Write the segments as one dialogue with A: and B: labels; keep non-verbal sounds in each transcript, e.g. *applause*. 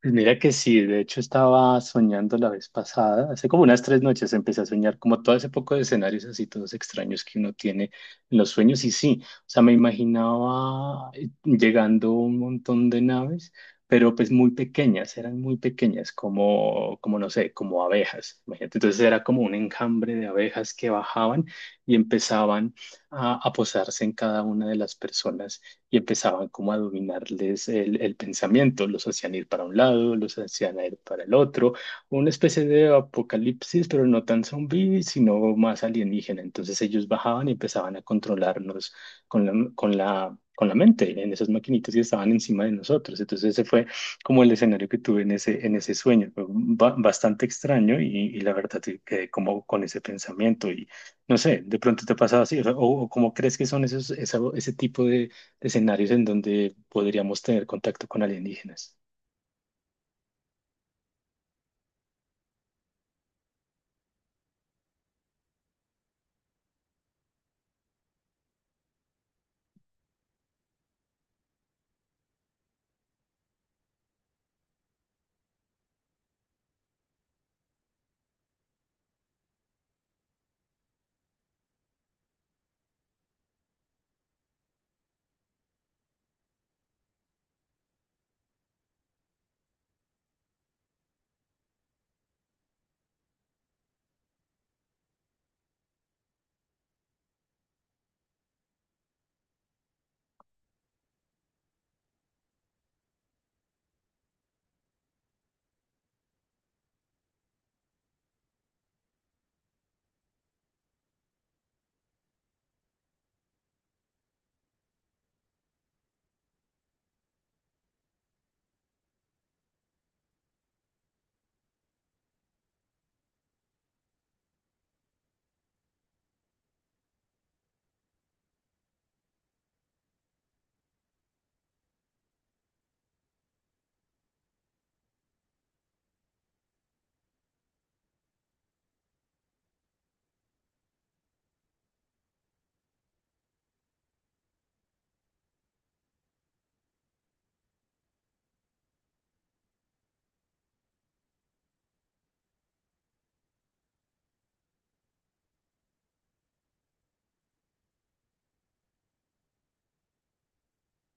A: Pues mira que sí, de hecho estaba soñando la vez pasada, hace como unas tres noches empecé a soñar como todo ese poco de escenarios así todos extraños que uno tiene en los sueños y sí, o sea, me imaginaba llegando un montón de naves, pero pues muy pequeñas, eran muy pequeñas, como, como no sé, como abejas, imagínate. Entonces era como un enjambre de abejas que bajaban y empezaban a posarse en cada una de las personas y empezaban como a dominarles el pensamiento, los hacían ir para un lado, los hacían ir para el otro, una especie de apocalipsis, pero no tan zombie, sino más alienígena. Entonces ellos bajaban y empezaban a controlarnos con la mente en esas maquinitas y estaban encima de nosotros. Entonces ese fue como el escenario que tuve en ese sueño. Fue bastante extraño y la verdad que quedé como con ese pensamiento y no sé, de pronto te ha pasado así o cómo crees que son esos, ese tipo escenarios en donde podríamos tener contacto con alienígenas.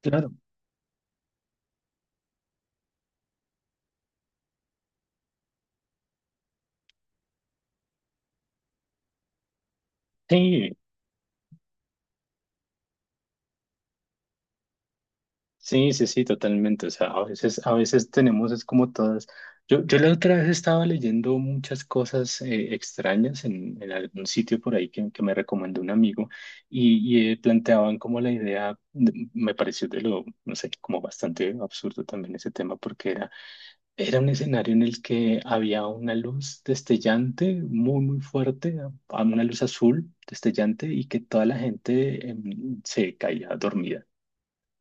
A: Claro. Sí, sí, sí, sí, totalmente. O sea, a veces tenemos, es como todas. Yo la otra vez estaba leyendo muchas cosas extrañas en algún sitio por ahí que me recomendó un amigo y, planteaban como la idea, me pareció de lo, no sé, como bastante absurdo también ese tema porque era. Era un escenario en el que había una luz destellante, muy, muy fuerte, una luz azul destellante y que toda la gente se caía dormida.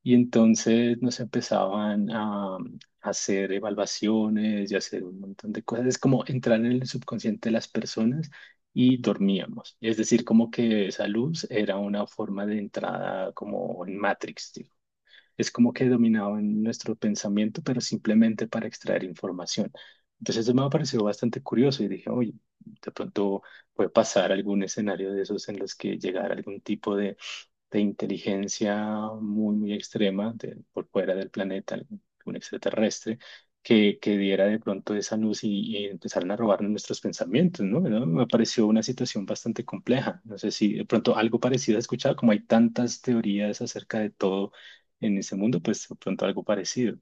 A: Y entonces nos empezaban a hacer evaluaciones y hacer un montón de cosas. Es como entrar en el subconsciente de las personas y dormíamos. Es decir, como que esa luz era una forma de entrada como en Matrix, ¿sí? Es como que dominaban nuestro pensamiento, pero simplemente para extraer información. Entonces eso me pareció bastante curioso y dije, oye, de pronto puede pasar algún escenario de esos en los que llegara algún tipo de inteligencia muy, muy extrema por fuera del planeta, un extraterrestre, que diera de pronto esa luz y empezaran a robar nuestros pensamientos, ¿no? ¿No? Me pareció una situación bastante compleja. No sé si de pronto algo parecido he escuchado, como hay tantas teorías acerca de todo en ese mundo, pues de pronto algo parecido.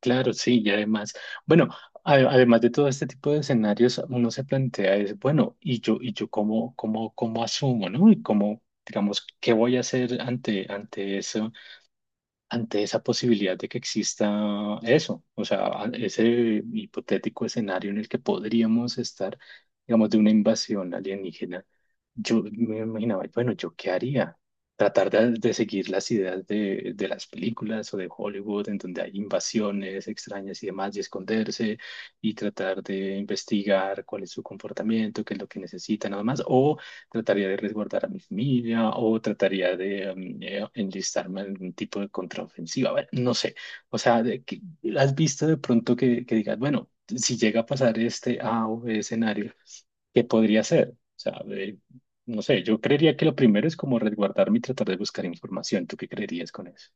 A: Claro, sí, y además, bueno, además de todo este tipo de escenarios, uno se plantea es, bueno, y yo cómo, cómo, cómo asumo, ¿no? Y cómo, digamos, ¿qué voy a hacer ante, ante eso? Ante esa posibilidad de que exista eso, o sea, ese hipotético escenario en el que podríamos estar, digamos, de una invasión alienígena, yo me imaginaba, bueno, ¿yo qué haría? Tratar de seguir las ideas de las películas o de Hollywood, en donde hay invasiones extrañas y demás, y esconderse y tratar de investigar cuál es su comportamiento, qué es lo que necesitan, nada más, o trataría de resguardar a mi familia o trataría de enlistarme en algún tipo de contraofensiva. Bueno, no sé. O sea, ¿has visto de pronto que digas, bueno, si llega a pasar este A o B escenario, ¿qué podría ser? O sea, de- no sé, yo creería que lo primero es como resguardarme y tratar de buscar información. ¿Tú qué creerías con eso?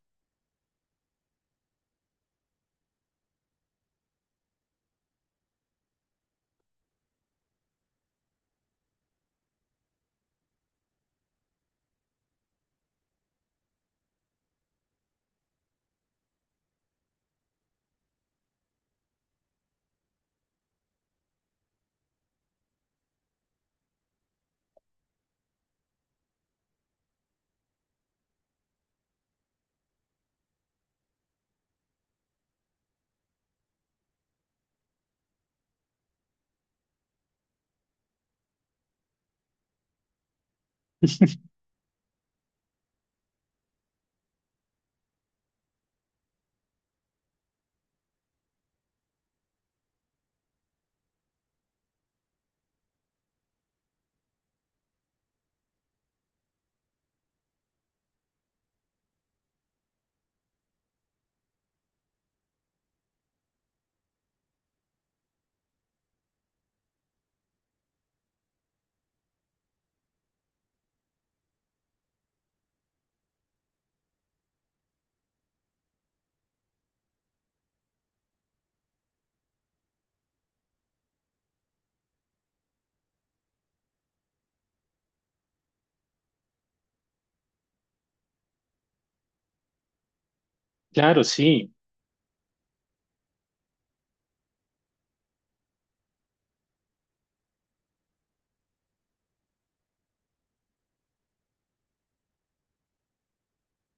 A: Claro, sí,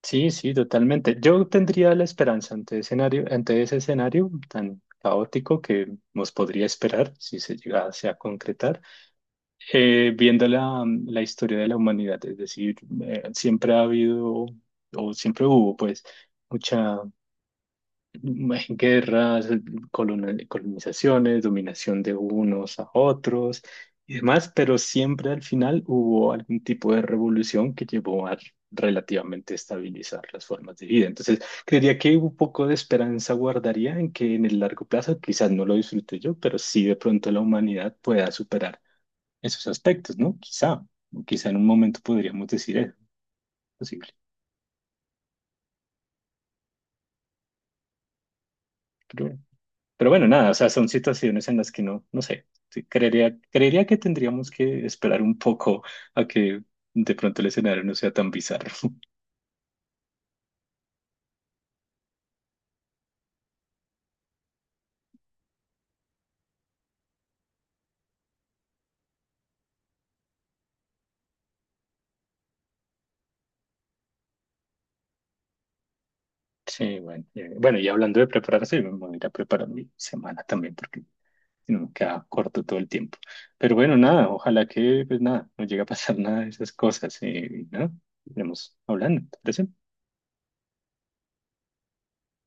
A: sí, sí, totalmente. Yo tendría la esperanza ante escenario, ante ese escenario tan caótico que nos podría esperar si se llegase a concretar. Viendo la, la historia de la humanidad, es decir, siempre ha habido o siempre hubo pues mucha guerras, colonizaciones, dominación de unos a otros y demás, pero siempre al final hubo algún tipo de revolución que llevó a relativamente estabilizar las formas de vida. Entonces, creería que un poco de esperanza guardaría en que en el largo plazo, quizás no lo disfrute yo, pero sí de pronto la humanidad pueda superar esos aspectos, ¿no? Quizá, o quizá en un momento podríamos decir eso, posible. Pero, pero bueno, nada, o sea, son situaciones en las que no, no sé, sí, creería, creería que tendríamos que esperar un poco a que de pronto el escenario no sea tan bizarro. *laughs* Sí, bueno, bueno, y hablando de prepararse, yo me voy a ir a preparar mi semana también, porque si no me queda corto todo el tiempo. Pero bueno, nada, ojalá que, pues nada, no llegue a pasar nada de esas cosas, y nada, iremos hablando, ¿te parece?